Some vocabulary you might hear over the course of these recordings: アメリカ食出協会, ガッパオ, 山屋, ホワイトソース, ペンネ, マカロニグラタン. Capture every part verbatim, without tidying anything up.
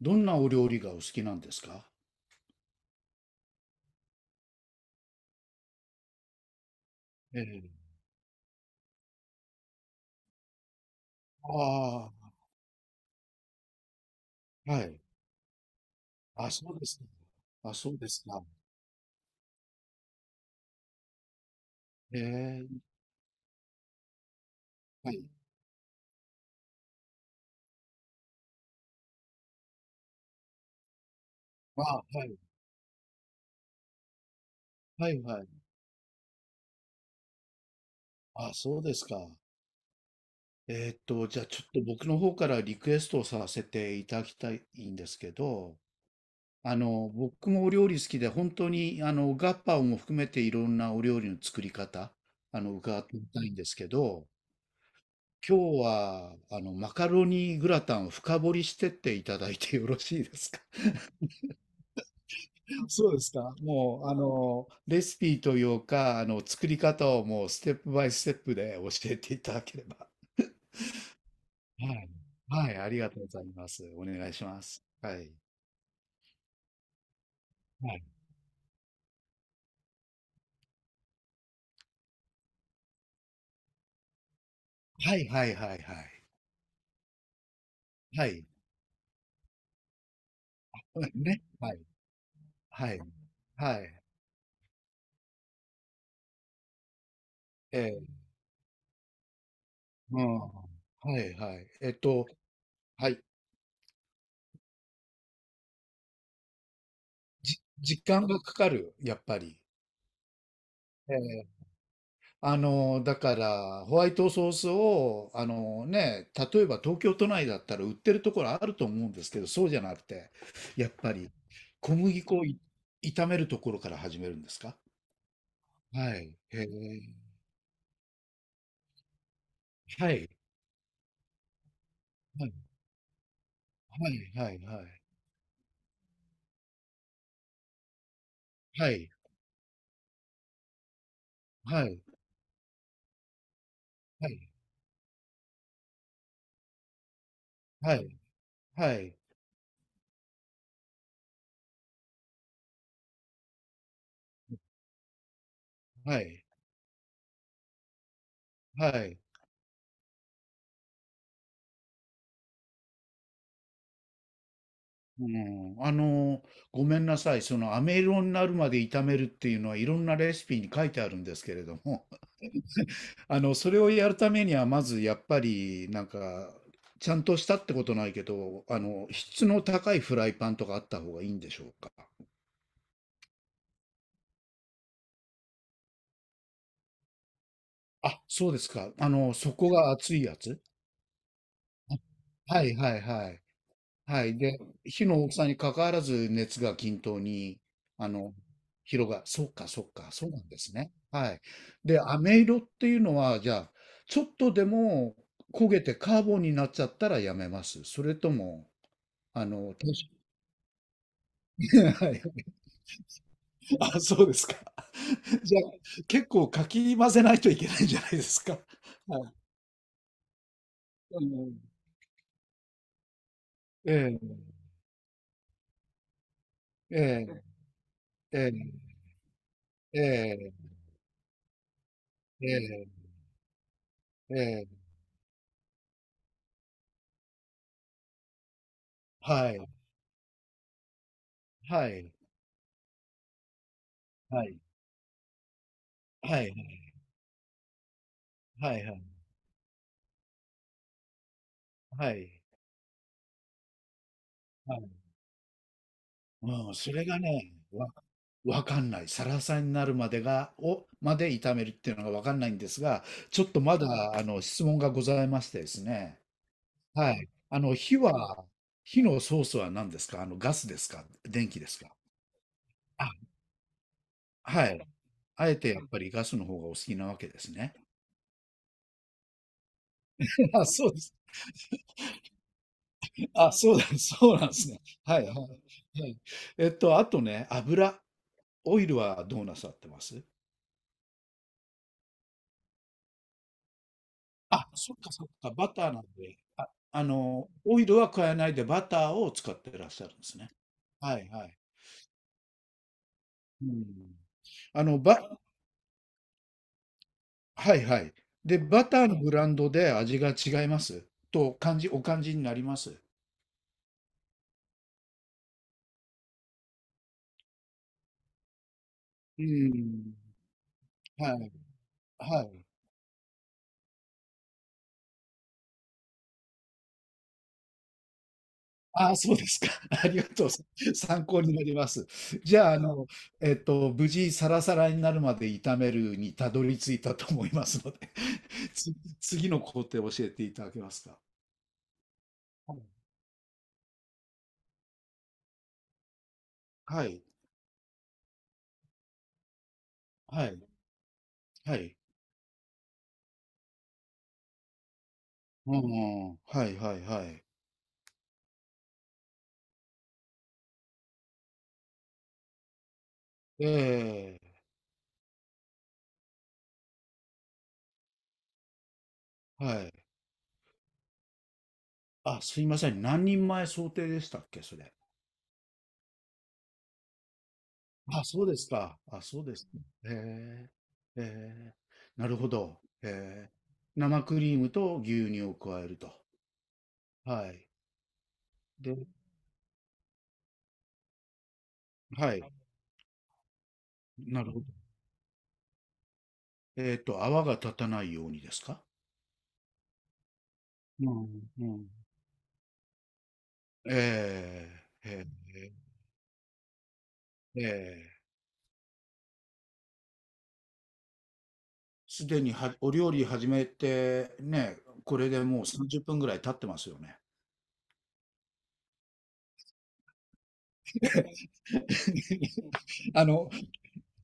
どんなお料理がお好きなんですか？ええ。ああ、はい。あ、そうですか。あ、そうですか。ええ、はい。あ、はい。はいはい。あ、そうですか。えーっと、じゃあちょっと僕の方からリクエストをさせていただきたいんですけど、あの、僕もお料理好きで、本当にあの、ガッパオも含めていろんなお料理の作り方、あの、伺ってみたいんですけど、今日はあの、マカロニグラタンを深掘りしてっていただいてよろしいですか？そうですか。もう、あの、レシピというか、あの、作り方をもうステップバイステップで教えていただければ。はい。はい、ありがとうございます。お願いします。はい。はい。はいはいはいはい。はい。ね。はい。はい。はい。ええ。うん。はいはい。えっと、はい。じ時間がかかる、やっぱり。ええ。あの、だから、ホワイトソースを、あのね、例えば東京都内だったら売ってるところあると思うんですけど、そうじゃなくて、やっぱり小麦粉をい炒めるところから始めるんですか？はい。へえ。はい。はい。はい。はい。はい。はい。はい。はい。はい。はい。うん、あの、ごめんなさい。その、飴色になるまで炒めるっていうのは、いろんなレシピに書いてあるんですけれども、あの、それをやるためには、まずやっぱり、なんか、ちゃんとしたってことないけど、あの、質の高いフライパンとかあった方がいいんでしょうか。あ、そうですか。あの、底が熱いやつ。あはいはいはい。はい。で、火の大きさに関わらず熱が均等に、あの、広が、そうかそうか、そうなんですね。はい。で、飴色っていうのは、じゃあ、ちょっとでも焦げてカーボンになっちゃったらやめます。それとも、あの、多少 はい。あ、そうですか。じゃあ、結構かき混ぜないといけないんじゃないですか。はい。うん。ええ、ええ、ええ、ええ、ええ、ええ、はい、はい、はい、はい、はい、はい、はい、はい。うん、それがね、わわかんない。サラサになるまでがをまで炒めるっていうのがわかんないんですが、ちょっとまだ、あの、質問がございましてですね。はい。あの、火は火のソースは何ですか？あの、ガスですか？電気ですか？あ、はい。あえてやっぱりガスの方がお好きなわけですね。あ、そうです。あ、そうだ、そうなんですね。はいはい。はい。えっと、あとね、油、オイルはどうなさってます？あ、そっかそっか、バターなんで。あの、オイルは加えないでバターを使ってらっしゃるんですね。はいはい。うん。あの、ば、はいはい。で、バターのブランドで味が違いますと感じ、お感じになります。うん。はい。はい。ああ、そうですか。ありがとう。参考になります。じゃあ、あの、えっと、無事サラサラになるまで炒めるにたどり着いたと思いますので、つ次の工程を教えていただけますか？はい。はい。はい。うんうん。はいはいはい。ええ、はい。あ、すいません。何人前想定でしたっけ？それ。あ、そうですか。あ、そうですね。へえ。へえ。なるほど。ええ。生クリームと牛乳を加えると。はい。で、はい。なるほど。えっと、泡が立たないようにですか？うん、うん。ええ、ええ、えーすでにはお料理始めて、ね、これでもうさんじゅっぷんぐらい経ってますよね。あの、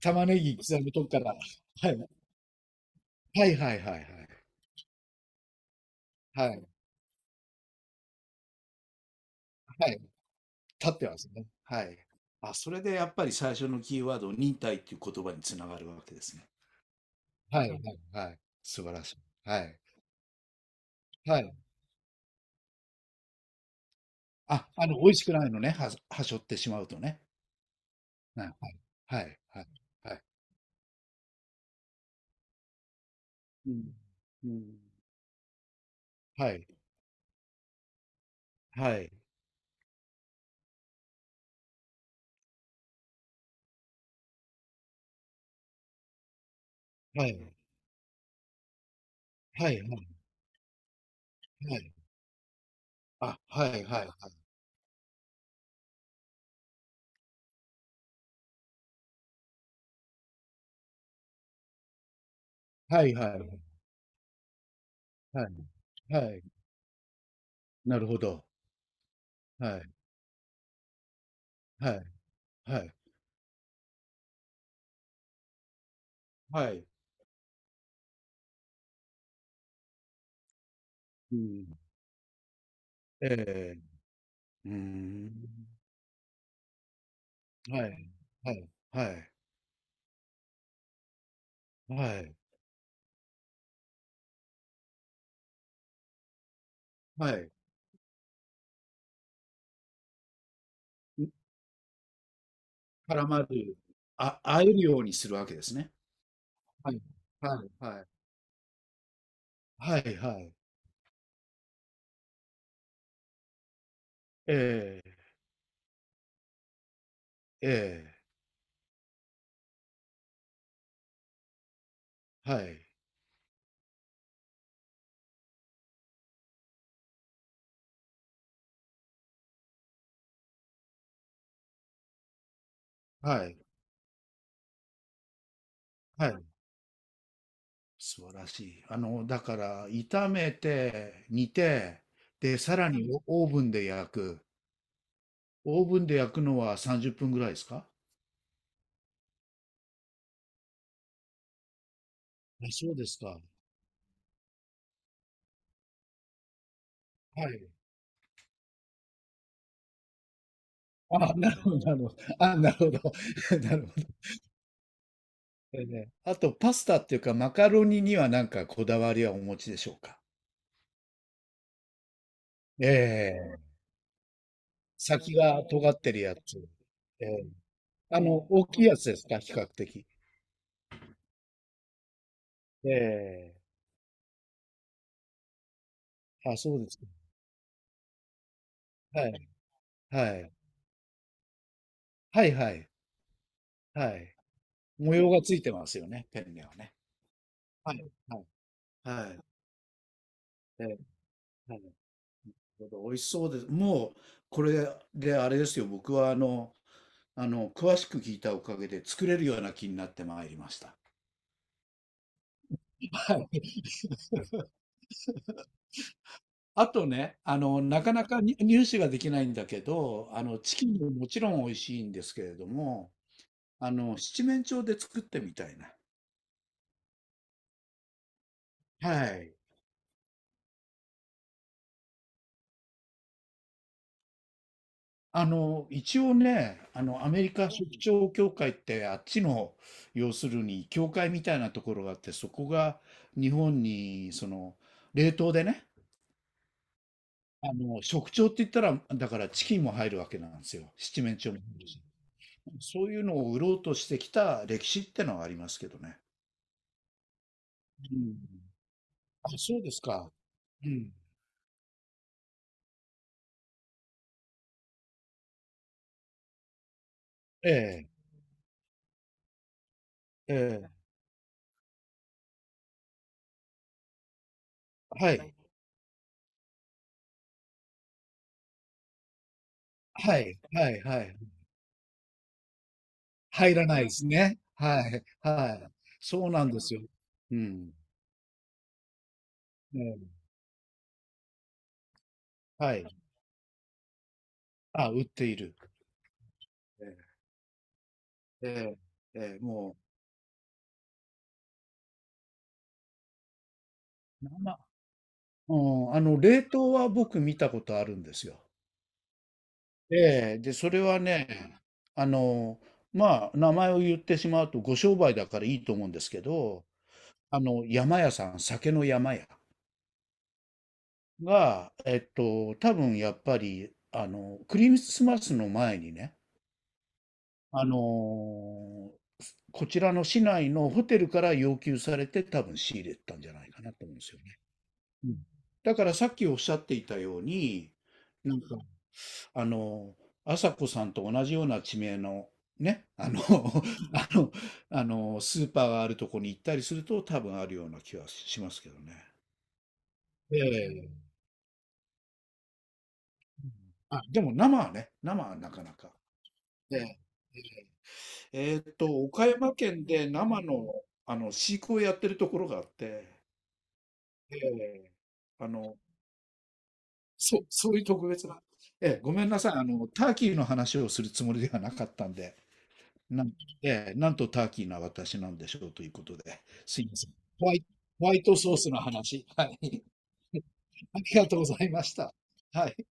玉ねぎ刻むとこから、はい。はいはいはいはい。はい、はい、経ってますね。はい。あ、それでやっぱり最初のキーワード、忍耐っていう言葉に繋がるわけですね。はいはいはい。素晴らしい。はい。はい。あ、あの、美味しくないのね、は、はしょってしまうとね。はい、はい、はい、はい。うん、うん、はい、はい、はい、はい、はい、はい、あ、はい、はい、はい、はい、はい、はい、なるほど。はい、はい、はい、はい、うん、ええ、うーん、はい、はい、はい、はい、はい、絡まる、あ、会えるようにするわけですね。はい、はい、はい、はい、はい、ええ、ええ。はい。はい。はい。素晴らしい。あの、だから、炒めて、煮て、で、さらにオーブンで焼く。オーブンで焼くのはさんじゅっぷんぐらいですか？あ、そうですか。はい。あ、なるほど、なるほど。あ、なるほど。なるほど。えーねあと、パスタっていうか、マカロニにはなんかこだわりはお持ちでしょうか？ええ、先が尖ってるやつ。ええ、あの、大きいやつですか、比較的。ええ、あ、そうですか。はい。はい。はいはい。はい。模様がついてますよね、ペンネはね。はい、はい、はい。ええ、はい。なるほど、美味しそうです。もう、これであれですよ、僕はあの、あの、詳しく聞いたおかげで作れるような気になってまいりました。はい。あとね、あの、なかなかに入手ができないんだけど、あの、チキンももちろん美味しいんですけれども、あの、七面鳥で作ってみたいな。はい。あの、一応ね、あの、アメリカ食出協会って、あっちの、要するに、協会みたいなところがあって、そこが日本に、その、冷凍でね、あの、食調って言ったら、だからチキンも入るわけなんですよ。七面鳥も入るし。そういうのを売ろうとしてきた歴史ってのはありますけどね。うん。あ、そうですか。うん。ええ、ええ、はい。はい、はい、はい。入らないですね。はい、はい。そうなんですよ。うん。ええ、はい。あ、売っている。ええ、ええ、ええ、もう生うん、あの、冷凍は僕見たことあるんですよ。ええ、で、それはね、あの、まあ、名前を言ってしまうとご商売だからいいと思うんですけど、あの、山屋さん、酒の山屋が、えっと、多分やっぱり、あの、クリスマスの前にね、あの、こちらの市内のホテルから要求されて多分仕入れたんじゃないかなと思うんですよね。うん。だからさっきおっしゃっていたように、なんか、あの、朝子さんと同じような地名の、ね、あの、あの、あの、スーパーがあるとこに行ったりすると、多分あるような気はしますけどね。ええ、あ、でも生はね、生はなかなか。ええ、えーっと、岡山県で生の、あの飼育をやってるところがあって、ええ、あの、そう、そういう特別な。ええ、ごめんなさい。あの、ターキーの話をするつもりではなかったんで、なん、ええ、なんとターキーな私なんでしょうということで、すいません。ホワイ、ホワイトソースの話。はい。ありがとうございました。はい。